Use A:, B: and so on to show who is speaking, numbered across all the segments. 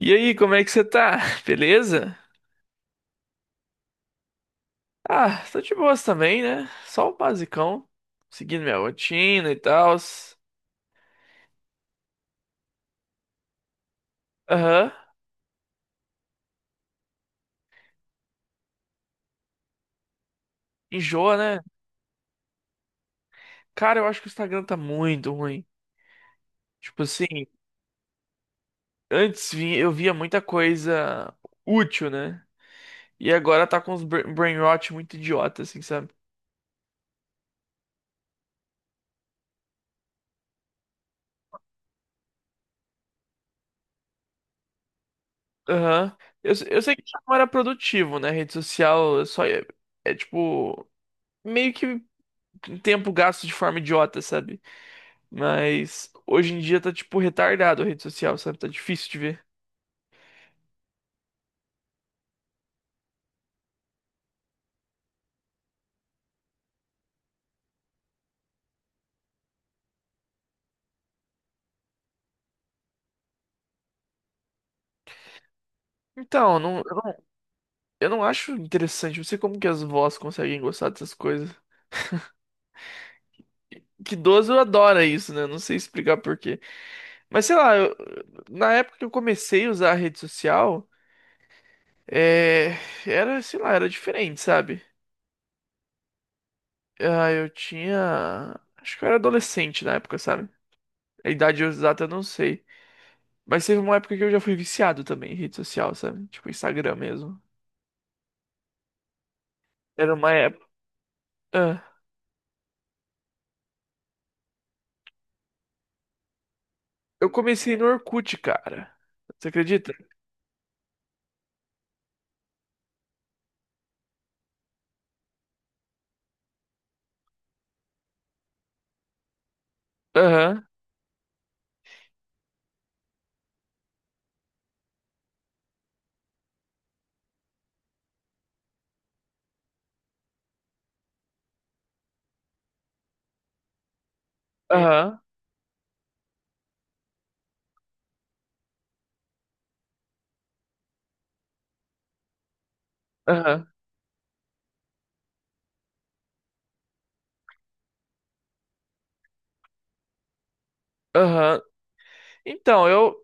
A: E aí, como é que você tá? Beleza? Ah, tô de boas também, né? Só o basicão, seguindo minha rotina e tal. Aham, enjoa, né? Cara, eu acho que o Instagram tá muito ruim. Tipo assim, eu via muita coisa útil, né? E agora tá com uns brain rot muito idiota, assim, sabe? Aham. Eu sei que não era produtivo, né? Rede social é só é tipo meio que tempo gasto de forma idiota, sabe? Mas hoje em dia tá, tipo, retardado a rede social, sabe? Tá difícil de ver. Então, não, eu não, eu não acho interessante. Não sei como que as vós conseguem gostar dessas coisas. Que idoso adora isso, né? Não sei explicar por quê. Mas sei lá, na época que eu comecei a usar a rede social, é, era, sei lá, era diferente, sabe? Ah, eu tinha. Acho que eu era adolescente na época, sabe? A idade exata eu não sei. Mas teve uma época que eu já fui viciado também em rede social, sabe? Tipo, Instagram mesmo. Era uma época. Eu comecei no Orkut, cara. Você acredita? Aham, aham, aham, aham. Então, eu.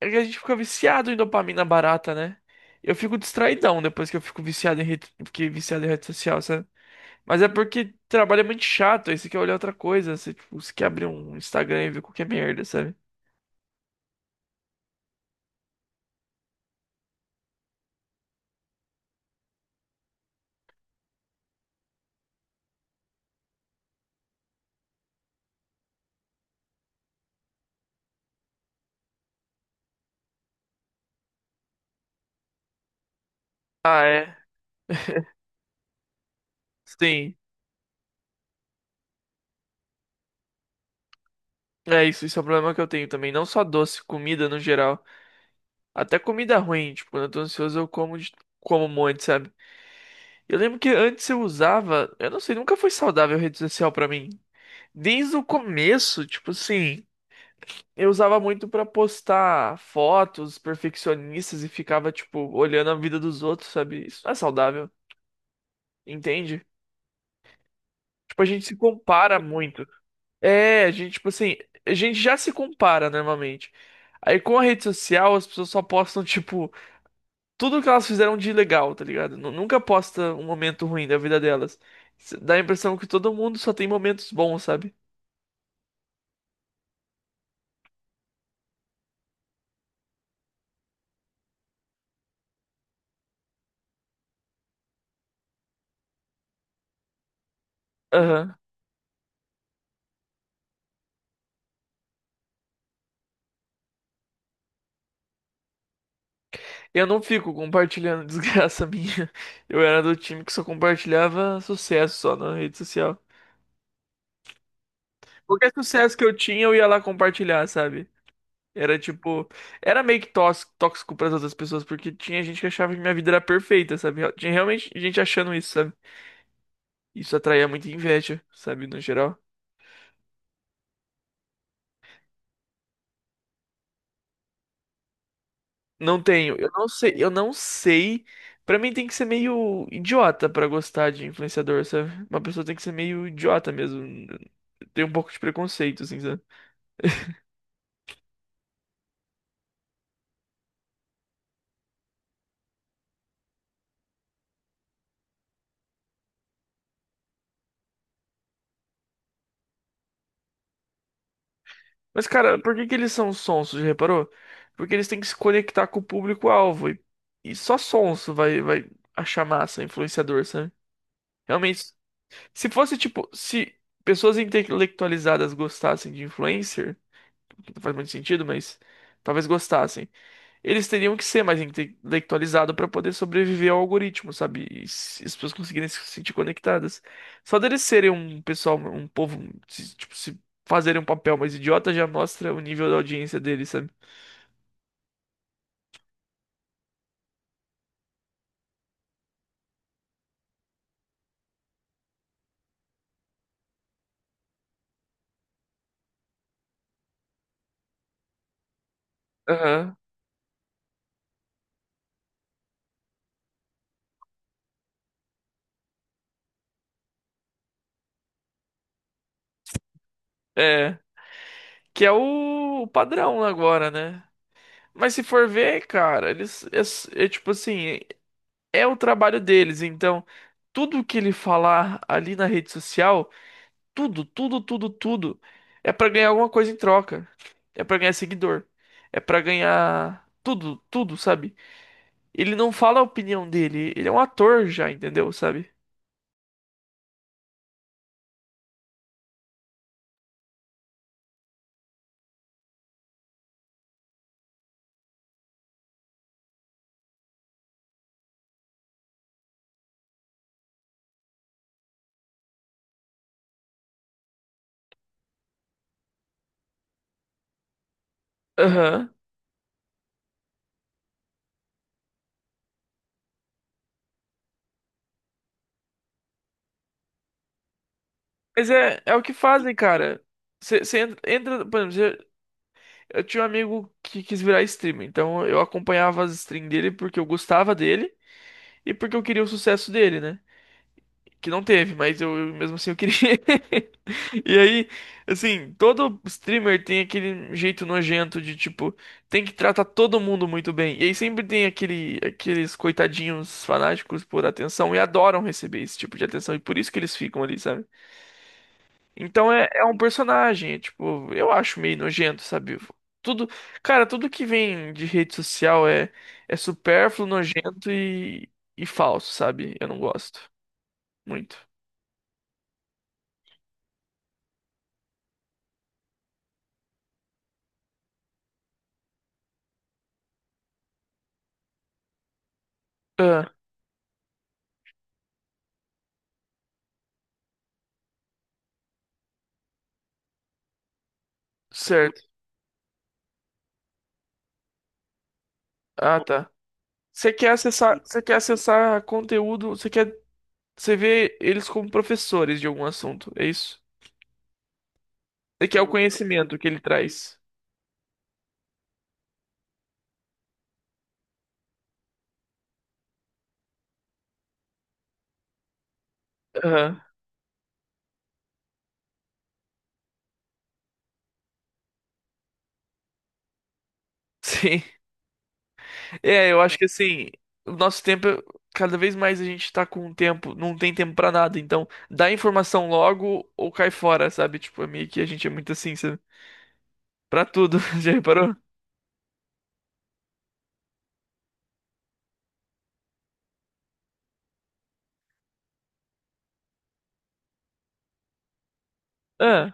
A: É que a gente fica viciado em dopamina barata, né? Eu fico distraidão depois que eu fico viciado em rede, fiquei viciado em rede social, sabe? Mas é porque trabalho é muito chato, aí você quer olhar outra coisa, você quer abrir um Instagram e ver qualquer merda, sabe? Ah, é? Sim, é isso, isso é um problema que eu tenho também. Não só doce, comida no geral. Até comida ruim, tipo, quando eu tô ansioso como um monte, sabe? Eu lembro que antes eu usava, eu não sei, nunca foi saudável rede social pra mim. Desde o começo, tipo assim, eu usava muito pra postar fotos perfeccionistas e ficava, tipo, olhando a vida dos outros, sabe? Isso não é saudável, entende? Tipo, a gente se compara muito. É, a gente, tipo assim, a gente já se compara normalmente. Aí com a rede social, as pessoas só postam, tipo, tudo que elas fizeram de legal, tá ligado? Nunca posta um momento ruim da vida delas. Dá a impressão que todo mundo só tem momentos bons, sabe? Aham. Eu não fico compartilhando desgraça minha. Eu era do time que só compartilhava sucesso só na rede social. Qualquer sucesso que eu tinha, eu ia lá compartilhar, sabe? Era tipo. Era meio que tóxico, tóxico pras outras pessoas, porque tinha gente que achava que minha vida era perfeita, sabe? Tinha realmente gente achando isso, sabe? Isso atraía muita inveja, sabe? No geral. Não tenho. Eu não sei. Eu não sei. Pra mim tem que ser meio idiota pra gostar de influenciador, sabe? Uma pessoa tem que ser meio idiota mesmo. Tem um pouco de preconceito, assim, sabe? Mas, cara, por que que eles são sonsos, já reparou? Porque eles têm que se conectar com o público-alvo. E só sonso vai achar massa influenciador, sabe? Realmente, se fosse tipo, se pessoas intelectualizadas gostassem de influencer, que não faz muito sentido, mas talvez gostassem. Eles teriam que ser mais intelectualizados para poder sobreviver ao algoritmo, sabe? As pessoas conseguirem se sentir conectadas. Só deles serem um pessoal, um povo, se fazerem um papel mais idiota já mostra o nível da audiência deles, sabe? Aham. É. Que é o padrão agora, né? Mas se for ver, cara, é tipo assim, é o trabalho deles, então tudo que ele falar ali na rede social, tudo, tudo, tudo, tudo é pra ganhar alguma coisa em troca. É pra ganhar seguidor. É pra ganhar tudo, tudo, sabe? Ele não fala a opinião dele, ele é um ator já, entendeu, sabe? Aham. Mas é, é o que fazem, cara. Você entra, entra- por exemplo, cê- eu tinha um amigo que quis virar streamer, então eu acompanhava as streams dele porque eu gostava dele e porque eu queria o sucesso dele, né? Que não teve, mas eu mesmo assim eu queria. E aí, assim, todo streamer tem aquele jeito nojento de tipo, tem que tratar todo mundo muito bem. E aí sempre tem aqueles coitadinhos fanáticos por atenção e adoram receber esse tipo de atenção e por isso que eles ficam ali, sabe? Então é um personagem, é, tipo, eu acho meio nojento, sabe? Tudo, cara, tudo que vem de rede social é supérfluo, nojento e falso, sabe? Eu não gosto muito. Ah, certo. Ah, tá. Você quer acessar conteúdo, você vê eles como professores de algum assunto, é isso? Você quer o conhecimento que ele traz. Aham. Sim. É, eu acho que assim, o nosso tempo, cada vez mais a gente tá com tempo, não tem tempo pra nada, então dá informação logo ou cai fora, sabe? Tipo, é meio que a gente é muito assim, sabe? Pra tudo, já reparou? Ah,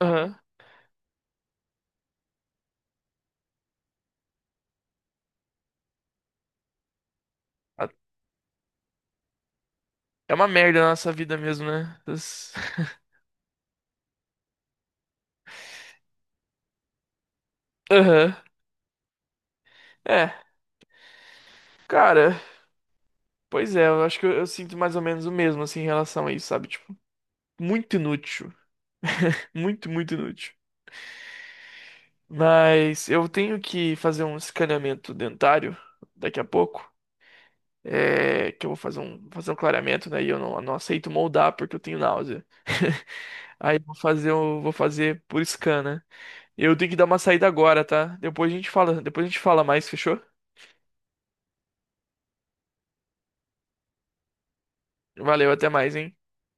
A: aham. É uma merda a nossa vida mesmo, né? As- Aham. É, cara. Pois é, eu acho que eu sinto mais ou menos o mesmo, assim, em relação a isso, sabe? Tipo, muito inútil. Muito, muito inútil. Mas eu tenho que fazer um escaneamento dentário daqui a pouco. É, que eu vou fazer um clareamento, né? E eu não, não aceito moldar porque eu tenho náusea. Aí eu vou fazer por scan, né? Eu tenho que dar uma saída agora, tá? Depois a gente fala mais, fechou? Valeu, até mais, hein?